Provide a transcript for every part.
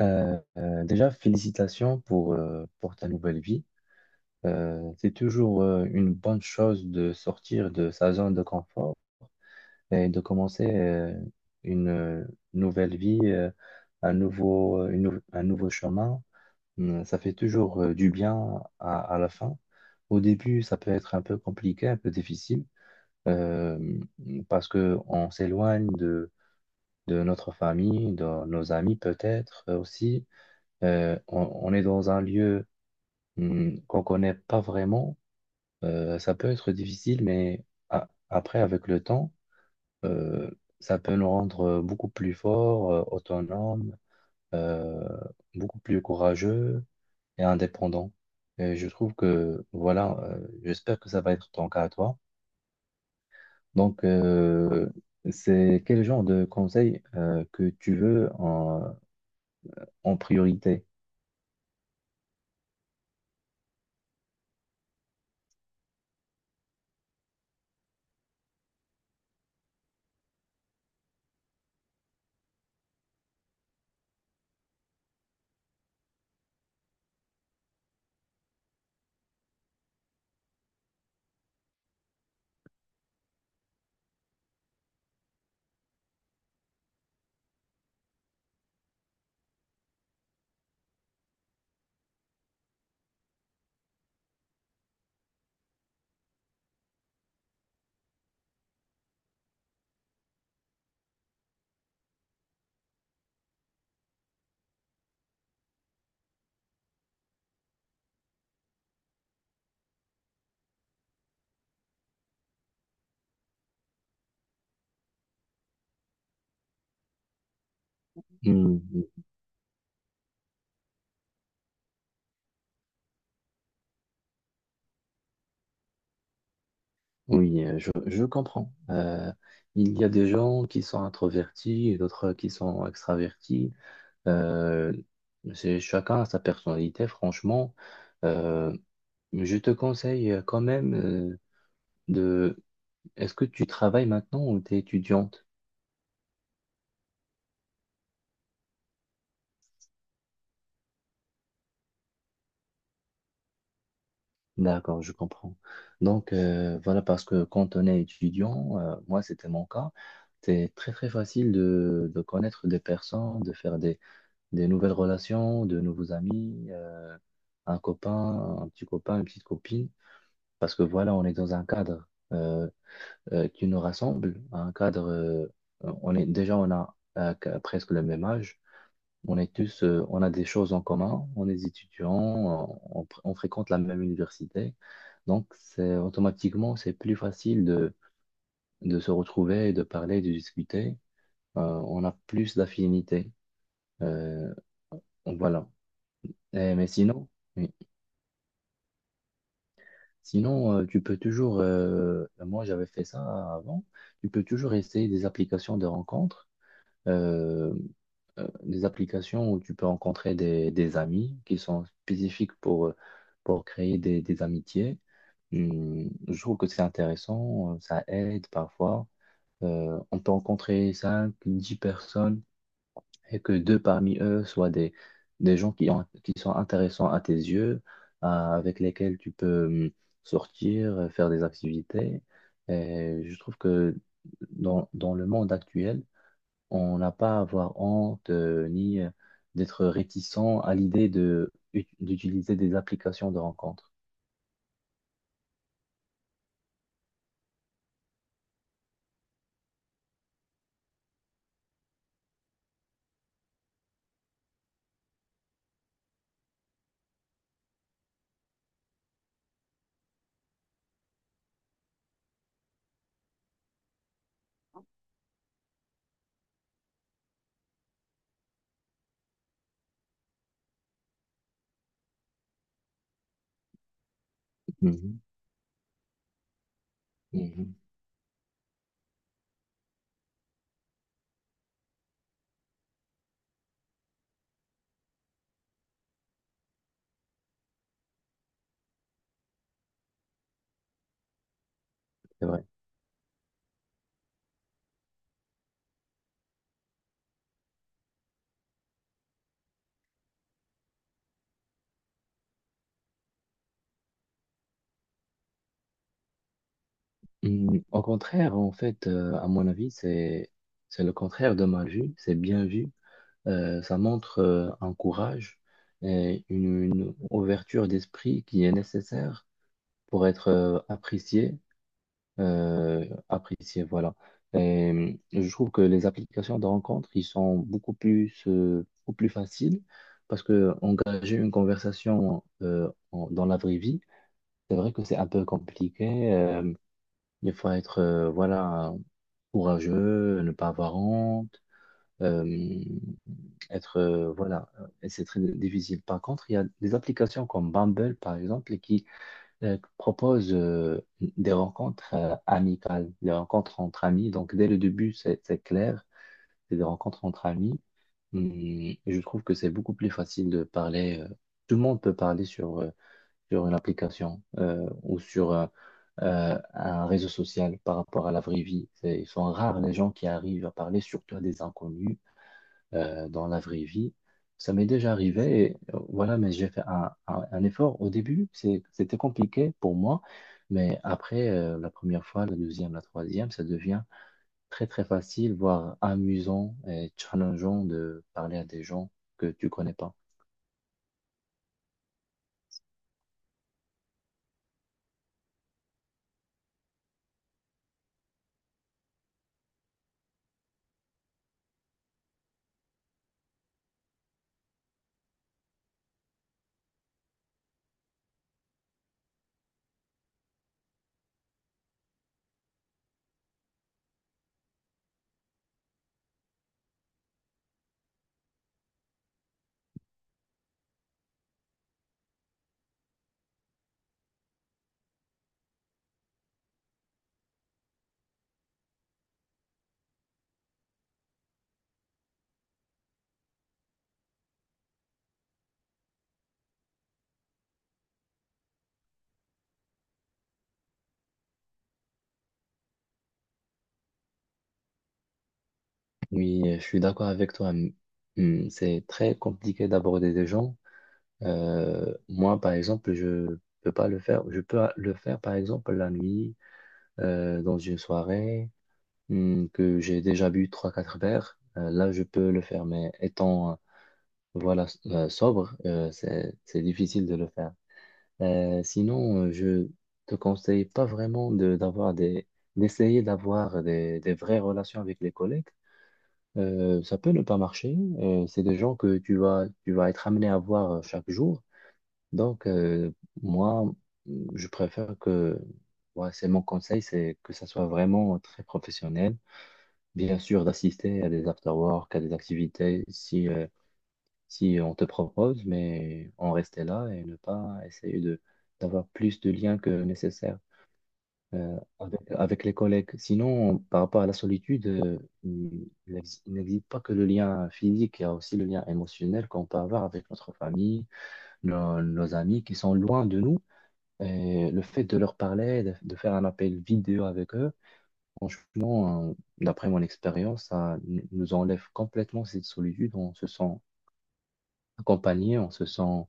Déjà, félicitations pour ta nouvelle vie. C'est toujours une bonne chose de sortir de sa zone de confort et de commencer une nouvelle vie, un un nouveau chemin. Ça fait toujours du bien à la fin. Au début, ça peut être un peu compliqué, un peu difficile, euh, parce que on s'éloigne de notre famille, de nos amis peut-être aussi on est dans un lieu qu'on connaît pas vraiment, ça peut être difficile, mais après, avec le temps, euh, ça peut nous rendre beaucoup plus forts, autonomes, euh, beaucoup plus courageux et indépendants. Et je trouve que, voilà, j'espère que ça va être ton cas à toi. Donc, c'est quel genre de conseil que tu veux en priorité? Hmm, Oui, je comprends. Il y a des gens qui sont introvertis et d'autres qui sont extravertis. Euh, c'est chacun a sa personnalité, franchement. Euh, je te conseille quand même de... Est-ce que tu travailles maintenant ou tu es étudiante? D'accord, je comprends. Donc voilà, parce que quand on est étudiant, moi c'était mon cas, c'est très très facile de connaître des personnes, de faire des nouvelles relations, de nouveaux amis, un copain, un petit copain, une petite copine, parce que voilà, on est dans un cadre euh, qui nous rassemble, un cadre, on est déjà presque le même âge, on est tous, on a des choses en commun, on est étudiants, on fréquente la même université, donc c'est automatiquement c'est plus facile de se retrouver, de parler, de discuter. On a plus d'affinités. Euh, voilà. Eh, mais sinon. Oui. Sinon, tu peux toujours, moi j'avais fait ça avant, tu peux toujours essayer des applications de rencontres, euh, des applications où tu peux rencontrer des amis qui sont spécifiques pour créer des amitiés. Je trouve que c'est intéressant, ça aide parfois. On peut rencontrer 5, 10 personnes et que deux parmi eux soient des gens qui sont intéressants à tes yeux, avec lesquels tu peux sortir, faire des activités. Et je trouve que dans le monde actuel, on n'a pas à avoir honte ni d'être réticent à l'idée d'utiliser des applications de rencontre. Mhm. Mhm. C'est vrai. Au contraire, en fait, à mon avis, c'est le contraire de mal vu, c'est bien vu. Ça montre un courage et une ouverture d'esprit qui est nécessaire pour être apprécié, apprécié, voilà. Et je trouve que les applications de rencontre, ils sont beaucoup plus faciles parce que engager une conversation dans la vraie vie, c'est vrai que c'est un peu compliqué. Il faut être, voilà, courageux, ne pas avoir honte. euh, Être, voilà, et c'est très difficile. Par contre, il y a des applications comme Bumble, par exemple, qui proposent des rencontres amicales, des rencontres entre amis. Donc, dès le début, c'est clair, c'est des rencontres entre amis. Et je trouve que c'est beaucoup plus facile de parler. Tout le monde peut parler sur une application ou sur un réseau social par rapport à la vraie vie. C'est- Ils sont rares les gens qui arrivent à parler, surtout à des inconnus dans la vraie vie. Ça m'est déjà arrivé, et voilà, mais j'ai fait un effort. Au début, c'est- c'était compliqué pour moi, mais après, la première fois, la deuxième, la troisième, ça devient très, très facile, voire amusant et challengeant de parler à des gens que tu connais pas. Oui, je suis d'accord avec toi. C'est très compliqué d'aborder des gens. Moi, par exemple, je peux pas le faire. Je peux le faire, par exemple, la nuit, dans une soirée. Que j'ai déjà bu trois quatre verres, là, je peux le faire. Mais étant, voilà, sobre, c'est difficile de le faire. Sinon, je te conseille pas vraiment d'avoir d'essayer d'avoir des vraies relations avec les collègues. Ça peut ne pas marcher. C'est des gens que tu vas être amené à voir chaque jour. Donc, moi, je préfère que, ouais, c'est mon conseil, c'est que ça soit vraiment très professionnel bien sûr, d'assister à des after-work, à des activités, si, si on te propose, mais en rester là et ne pas essayer de d'avoir plus de liens que nécessaire avec, avec les collègues. Sinon, par rapport à la solitude, il n'existe pas que le lien physique, il y a aussi le lien émotionnel qu'on peut avoir avec notre famille, nos amis qui sont loin de nous. Et le fait de leur parler, de faire un appel vidéo avec eux, franchement, d'après mon expérience, nous enlève complètement cette solitude. On se sent accompagné, on se sent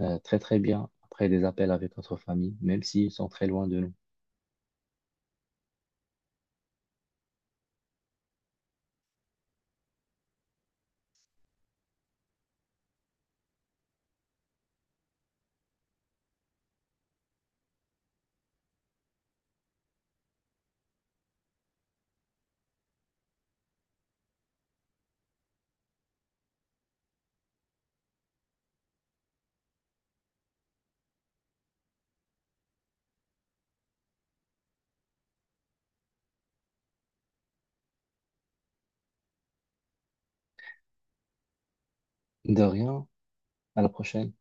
très très bien après des appels avec notre famille, même s'ils sont très loin de nous. De rien, à la prochaine.